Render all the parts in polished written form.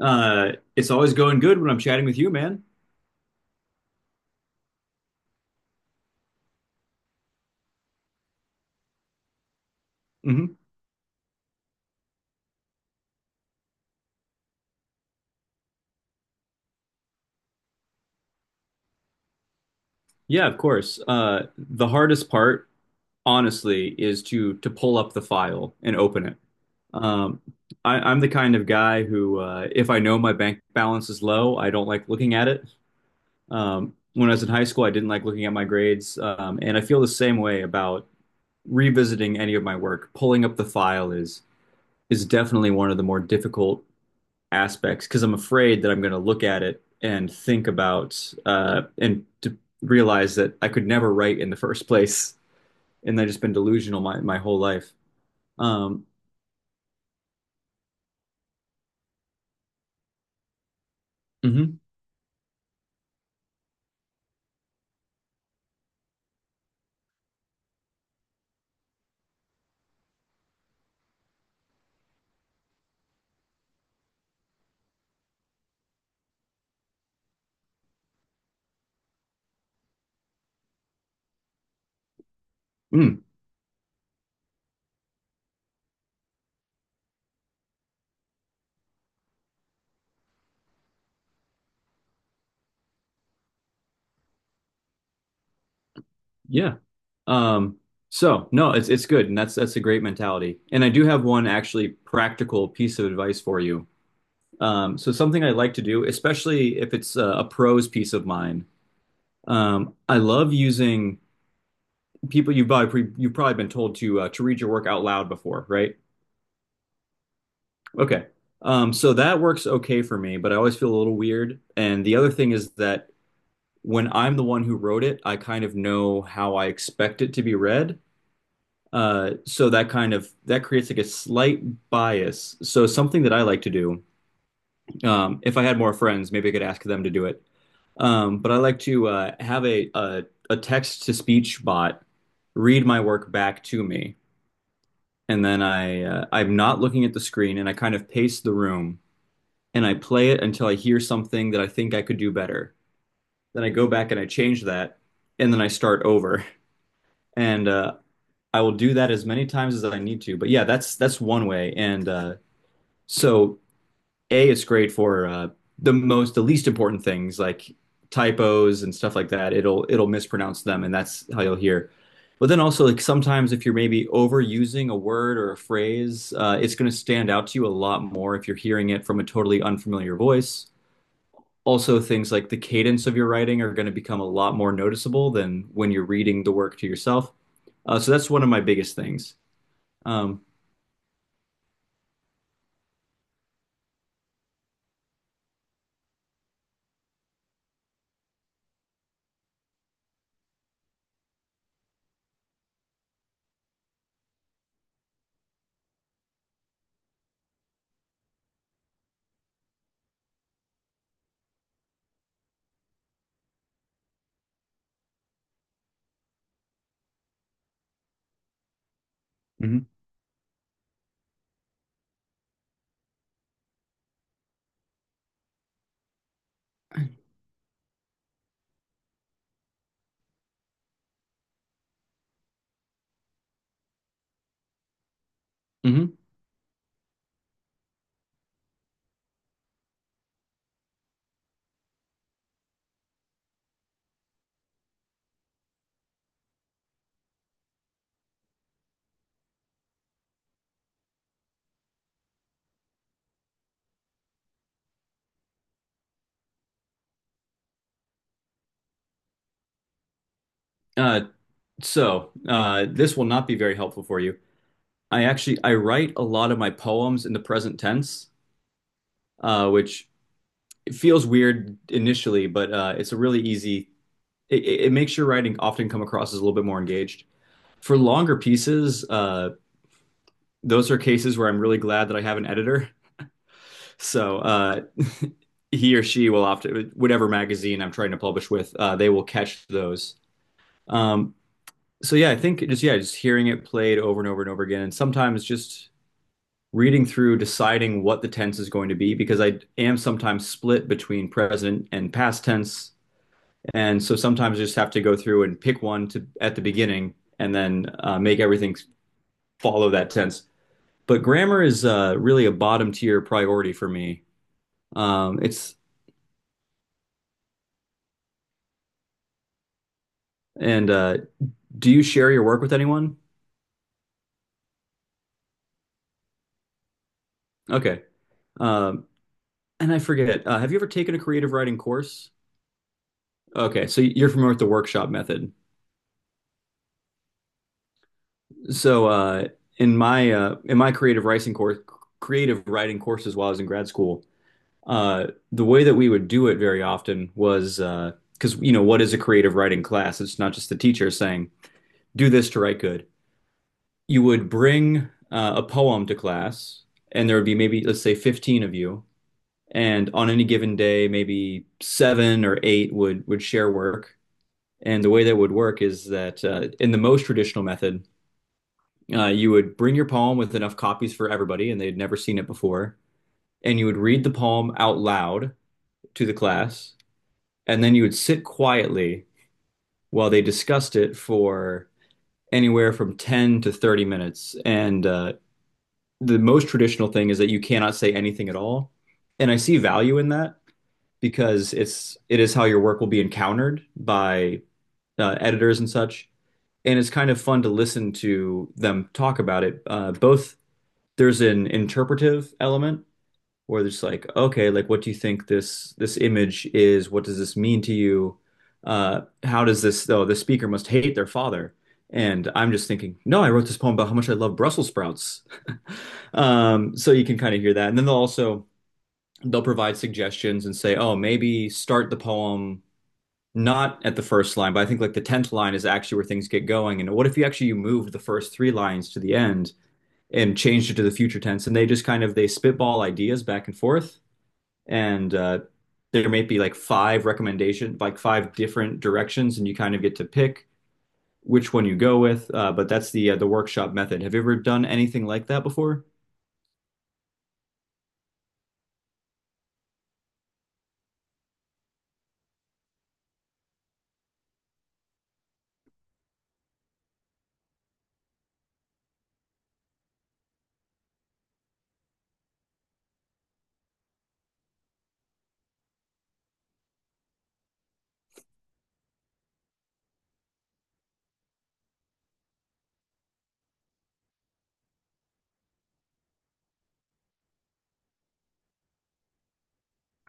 It's always going good when I'm chatting with you, man. hmm Yeah, of course. The hardest part, honestly, is to pull up the file and open it. Um, I'm the kind of guy who, if I know my bank balance is low, I don't like looking at it. When I was in high school, I didn't like looking at my grades, and I feel the same way about revisiting any of my work. Pulling up the file is definitely one of the more difficult aspects because I'm afraid that I'm going to look at it and think about and to realize that I could never write in the first place, and I've just been delusional my whole life. Um, mhm, mm, yeah. Um, so no, it's good, and that's a great mentality. And I do have one actually practical piece of advice for you. So something I like to do, especially if it's a prose piece of mine, I love using people you've probably been told to read your work out loud before, right? Okay. So that works okay for me, but I always feel a little weird. And the other thing is that when I'm the one who wrote it, I kind of know how I expect it to be read. So that kind of that creates like a slight bias. So something that I like to do, if I had more friends, maybe I could ask them to do it. But I like to have a text to speech bot read my work back to me, and then I'm not looking at the screen, and I kind of pace the room and I play it until I hear something that I think I could do better. Then I go back and I change that, and then I start over. And I will do that as many times as I need to. But yeah, that's one way. And so A, it's great for the least important things like typos and stuff like that. It'll mispronounce them, and that's how you'll hear. But then also, like sometimes if you're maybe overusing a word or a phrase, it's going to stand out to you a lot more if you're hearing it from a totally unfamiliar voice. Also things like the cadence of your writing are going to become a lot more noticeable than when you're reading the work to yourself. So that's one of my biggest things. Um, Mhm. mhm. Uh, this will not be very helpful for you. I write a lot of my poems in the present tense, which feels weird initially, but it's a really easy. It makes your writing often come across as a little bit more engaged. For longer pieces, those are cases where I'm really glad that I have an editor. So uh, he or she will often, whatever magazine I'm trying to publish with, they will catch those. Um, so yeah, I think just hearing it played over and over and over again, and sometimes just reading through, deciding what the tense is going to be, because I am sometimes split between present and past tense, and so sometimes I just have to go through and pick one to at the beginning, and then make everything follow that tense. But grammar is really a bottom tier priority for me. It's and Do you share your work with anyone? Okay. Um, and I forget, have you ever taken a creative writing course? Okay, so you're familiar with the workshop method. So uh, in my creative writing courses while I was in grad school, the way that we would do it very often was because you know what is a creative writing class? It's not just the teacher saying do this to write good. You would bring a poem to class, and there would be maybe let's say 15 of you, and on any given day, maybe seven or eight would share work. And the way that would work is that in the most traditional method, you would bring your poem with enough copies for everybody, and they'd never seen it before, and you would read the poem out loud to the class, and then you would sit quietly while they discussed it for anywhere from 10 to 30 minutes. And the most traditional thing is that you cannot say anything at all. And I see value in that because it is how your work will be encountered by editors and such. And it's kind of fun to listen to them talk about it. Both there's an interpretive element where it's like, okay, like what do you think this image is? What does this mean to you? How does this though? The speaker must hate their father. And I'm just thinking, no, I wrote this poem about how much I love Brussels sprouts. So you can kind of hear that. And then they'll provide suggestions and say, oh, maybe start the poem not at the first line, but I think like the tenth line is actually where things get going. And what if you moved the first three lines to the end and changed it to the future tense, and they just kind of they spitball ideas back and forth, and there may be like five different directions, and you kind of get to pick which one you go with, but that's the workshop method. Have you ever done anything like that before?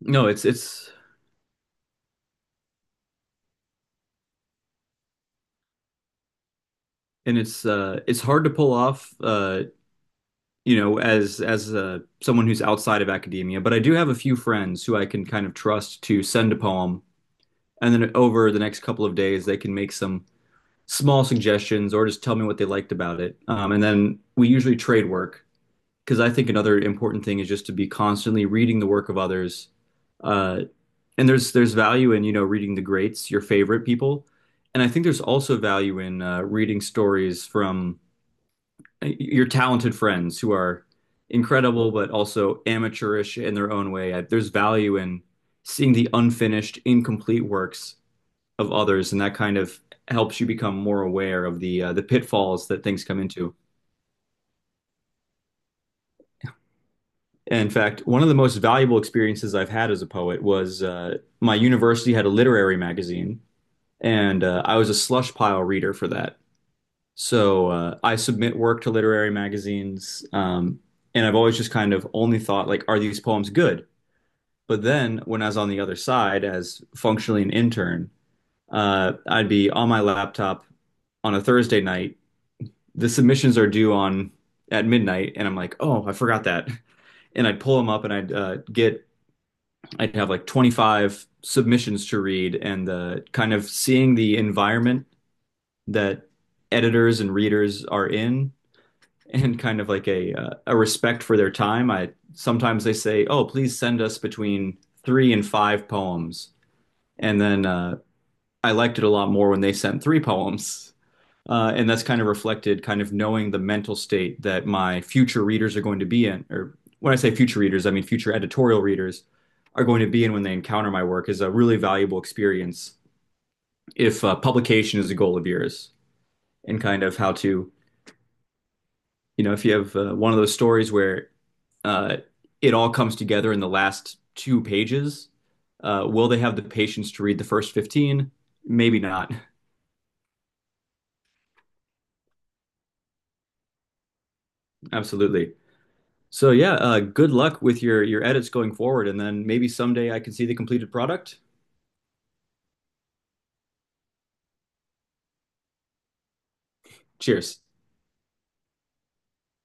No, it's and it's it's hard to pull off, you know, as someone who's outside of academia, but I do have a few friends who I can kind of trust to send a poem and then over the next couple of days they can make some small suggestions or just tell me what they liked about it. And then we usually trade work because I think another important thing is just to be constantly reading the work of others. Uh, and There's value in, you know, reading the greats, your favorite people. And I think there's also value in reading stories from your talented friends who are incredible but also amateurish in their own way. There's value in seeing the unfinished, incomplete works of others, and that kind of helps you become more aware of the pitfalls that things come into. In fact, one of the most valuable experiences I've had as a poet was, my university had a literary magazine, and I was a slush pile reader for that. I submit work to literary magazines, and I've always just kind of only thought like, are these poems good? But then when I was on the other side as functionally an intern, I'd be on my laptop on a Thursday night. The submissions are due on at midnight, and I'm like, oh, I forgot that. And I'd pull them up I'd have like 25 submissions to read, and the kind of seeing the environment that editors and readers are in, and kind of like a respect for their time. I Sometimes they say, oh, please send us between three and five poems, and then I liked it a lot more when they sent three poems. And that's kind of reflected knowing the mental state that my future readers are going to be in. Or when I say future readers, I mean future editorial readers are going to be in when they encounter my work is a really valuable experience if publication is a goal of yours and kind of how to, you know, if you have one of those stories where uh, it all comes together in the last two pages, will they have the patience to read the first 15? Maybe not. Absolutely. So yeah, good luck with your edits going forward, and then maybe someday I can see the completed product. Cheers.